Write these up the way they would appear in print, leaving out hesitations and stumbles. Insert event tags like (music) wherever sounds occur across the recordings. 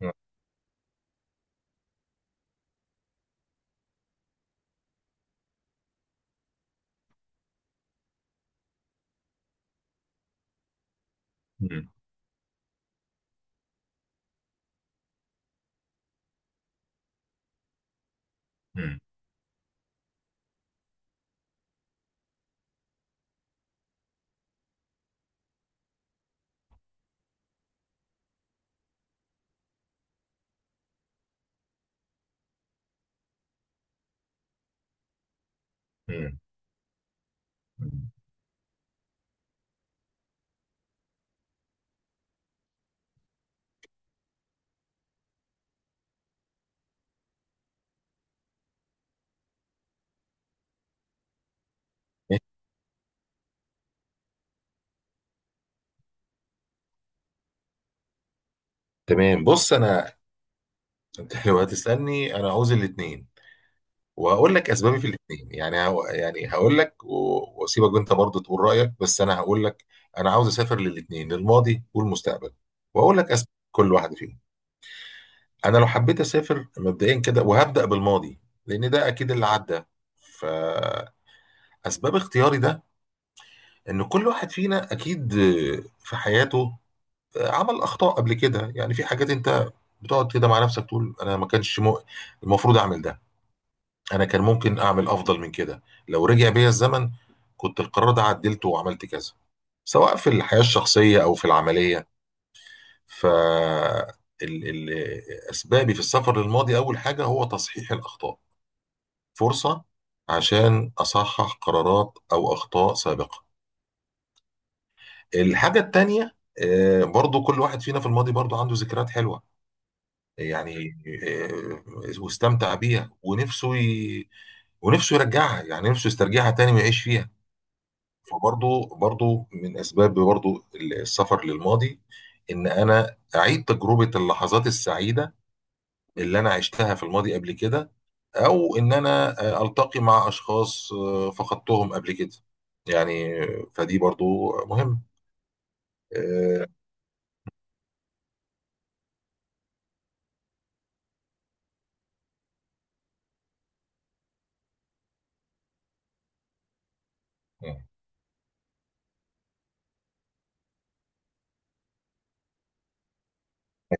مم. مم. مم. مم. تمام. بص، (laughs) انت لو هتسالني، انا عاوز الاثنين. وهقول لك اسبابي في الاثنين، يعني يعني هقول لك واسيبك انت برضه تقول رايك، بس انا هقول لك. انا عاوز اسافر للاثنين، للماضي والمستقبل، واقول لك اسباب كل واحده فيهم. انا لو حبيت اسافر مبدئيا كده، وهبدا بالماضي لان ده اكيد اللي عدى. فاسباب اختياري ده، ان كل واحد فينا اكيد في حياته عمل اخطاء قبل كده، يعني في حاجات انت بتقعد كده مع نفسك تقول انا ما كانش المفروض اعمل ده. انا كان ممكن اعمل افضل من كده، لو رجع بيا الزمن كنت القرار ده عدلته وعملت كذا، سواء في الحياة الشخصية او في العملية. ف ال... ال... اسبابي في السفر للماضي، اول حاجة هو تصحيح الاخطاء، فرصة عشان اصحح قرارات او اخطاء سابقة. الحاجة التانية، برضو كل واحد فينا في الماضي برضو عنده ذكريات حلوة، يعني آه، واستمتع بيها، ونفسه ونفسه يرجعها، يعني نفسه يسترجعها تاني ويعيش فيها. فبرضه من اسباب برضه السفر للماضي، ان انا اعيد تجربه اللحظات السعيده اللي انا عشتها في الماضي قبل كده، او ان انا التقي مع اشخاص فقدتهم قبل كده، يعني فدي برضه مهم. آه،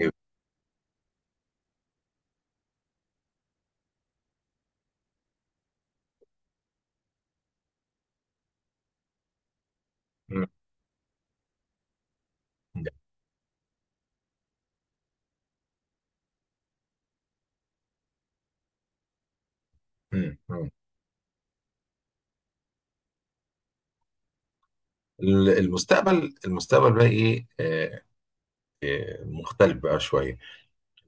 أيوة. مم. مم. المستقبل، المستقبل بقى ايه، مختلف بقى شويه،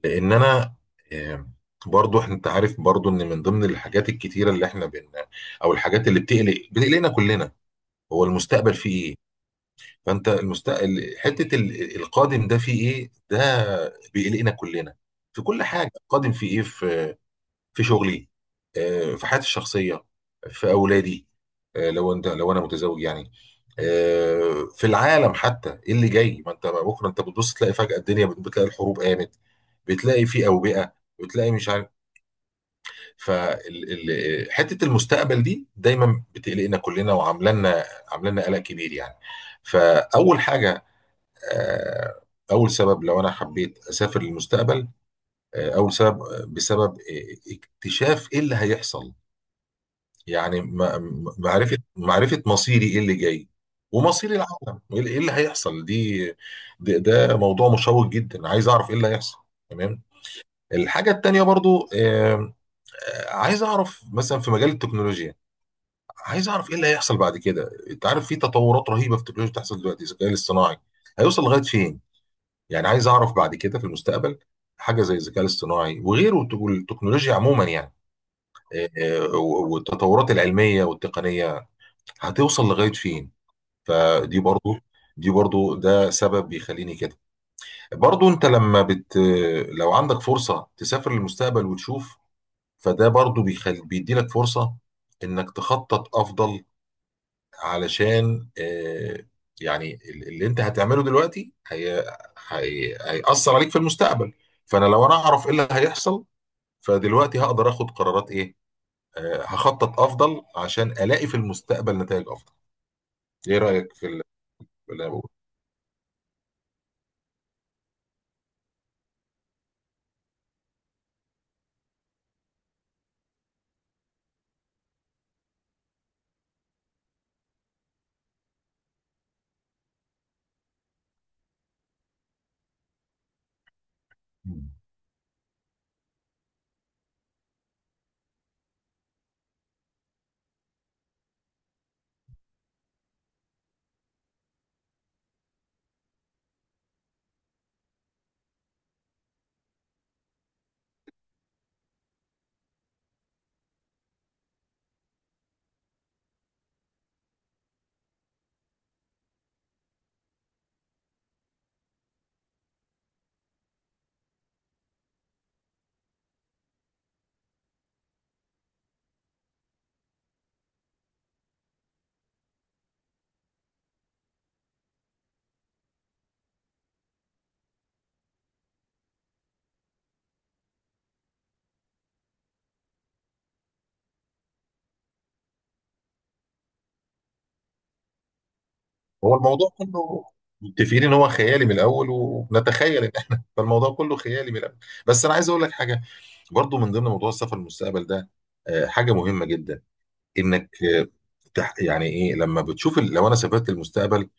لان انا آه، برضو انت عارف، برضو ان من ضمن الحاجات الكتيره اللي احنا او الحاجات اللي بتقلقنا كلنا، هو المستقبل فيه ايه. فانت المستقبل، حته القادم ده فيه ايه، ده بيقلقنا كلنا. في كل حاجه القادم فيه ايه، في شغلي، في حياتي الشخصيه، في اولادي، لو انا متزوج يعني، في العالم حتى، ايه اللي جاي؟ ما انت بكره انت بتبص تلاقي فجأة الدنيا، بتلاقي الحروب قامت، بتلاقي في أوبئة، بتلاقي مش عارف. فحتة المستقبل دي دايما بتقلقنا كلنا، وعاملانا عاملانا قلق كبير يعني. فأول حاجة، آه، أول سبب لو أنا حبيت أسافر للمستقبل، أول سبب بسبب اكتشاف إيه اللي هيحصل، يعني معرفة معرفة مصيري ايه اللي جاي، ومصير العالم، وايه اللي إيه اللي هيحصل دي. ده, ده موضوع مشوق جدا، عايز اعرف ايه اللي هيحصل. تمام. الحاجة التانية برضو، آم، آه، عايز اعرف مثلا في مجال التكنولوجيا، عايز اعرف ايه اللي هيحصل بعد كده. انت عارف في تطورات رهيبة في التكنولوجيا بتحصل دلوقتي، الذكاء الاصطناعي هيوصل لغاية فين؟ يعني عايز اعرف بعد كده في المستقبل، حاجة زي الذكاء الاصطناعي وغيره والتكنولوجيا عموما يعني. آه، والتطورات العلمية والتقنية هتوصل لغاية فين؟ فدي برضو دي برضو ده سبب بيخليني كده. برضو انت لما لو عندك فرصة تسافر للمستقبل وتشوف، فده برضو بيديلك فرصة انك تخطط افضل، علشان يعني اللي انت هتعمله دلوقتي هيأثر عليك في المستقبل. لو انا اعرف ايه اللي هيحصل، فدلوقتي هقدر اخد قرارات ايه، آه هخطط افضل عشان الاقي في المستقبل نتائج افضل. ايه رأيك في اللي انا بقوله؟ هو الموضوع كله، متفقين ان هو خيالي من الاول ونتخيل ان احنا (laughs) فالموضوع كله خيالي من الاول. بس انا عايز اقول لك حاجه، برضو من ضمن موضوع السفر للمستقبل ده، حاجه مهمه جدا، انك يعني ايه لما بتشوف لو انا سافرت للمستقبل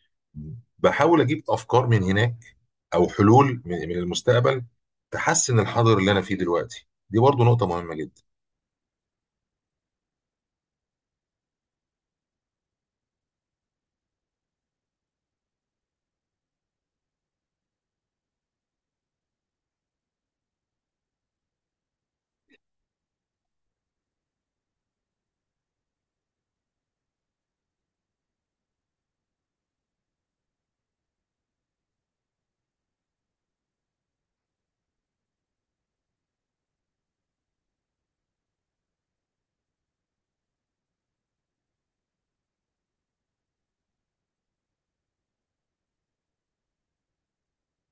بحاول اجيب افكار من هناك، او حلول من المستقبل، تحسن الحاضر اللي انا فيه دلوقتي، دي برضو نقطه مهمه جدا.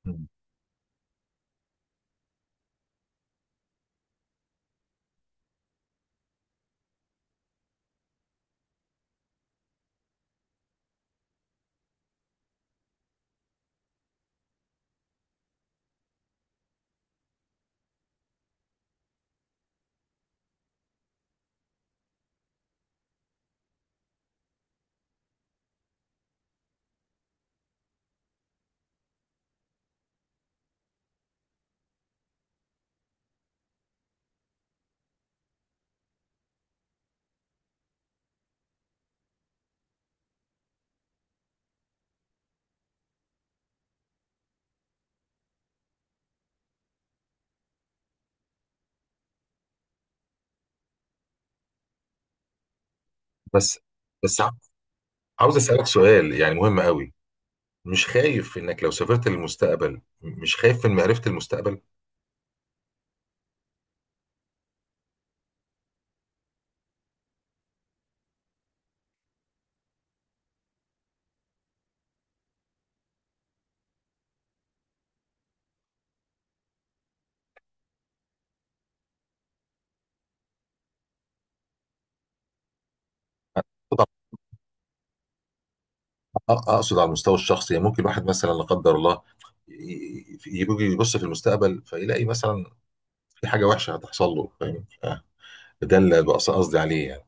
مم. بس بس عاوز اسالك سؤال يعني مهم قوي. مش خايف انك لو سافرت للمستقبل، مش خايف من معرفة المستقبل؟ اقصد على المستوى الشخصي، يعني ممكن الواحد مثلا لا قدر الله يجي يبص في المستقبل فيلاقي مثلا في حاجة وحشة هتحصل له، فاهم؟ ده اللي قصدي عليه يعني.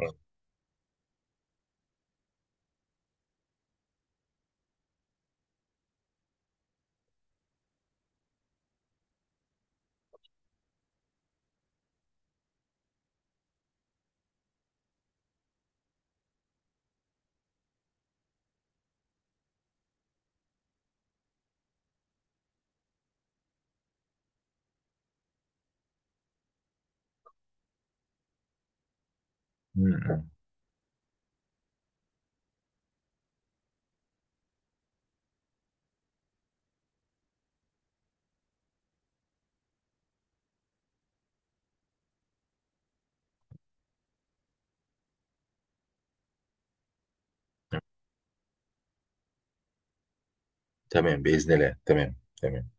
آه. م. تمام، بإذن الله، تمام، تمام.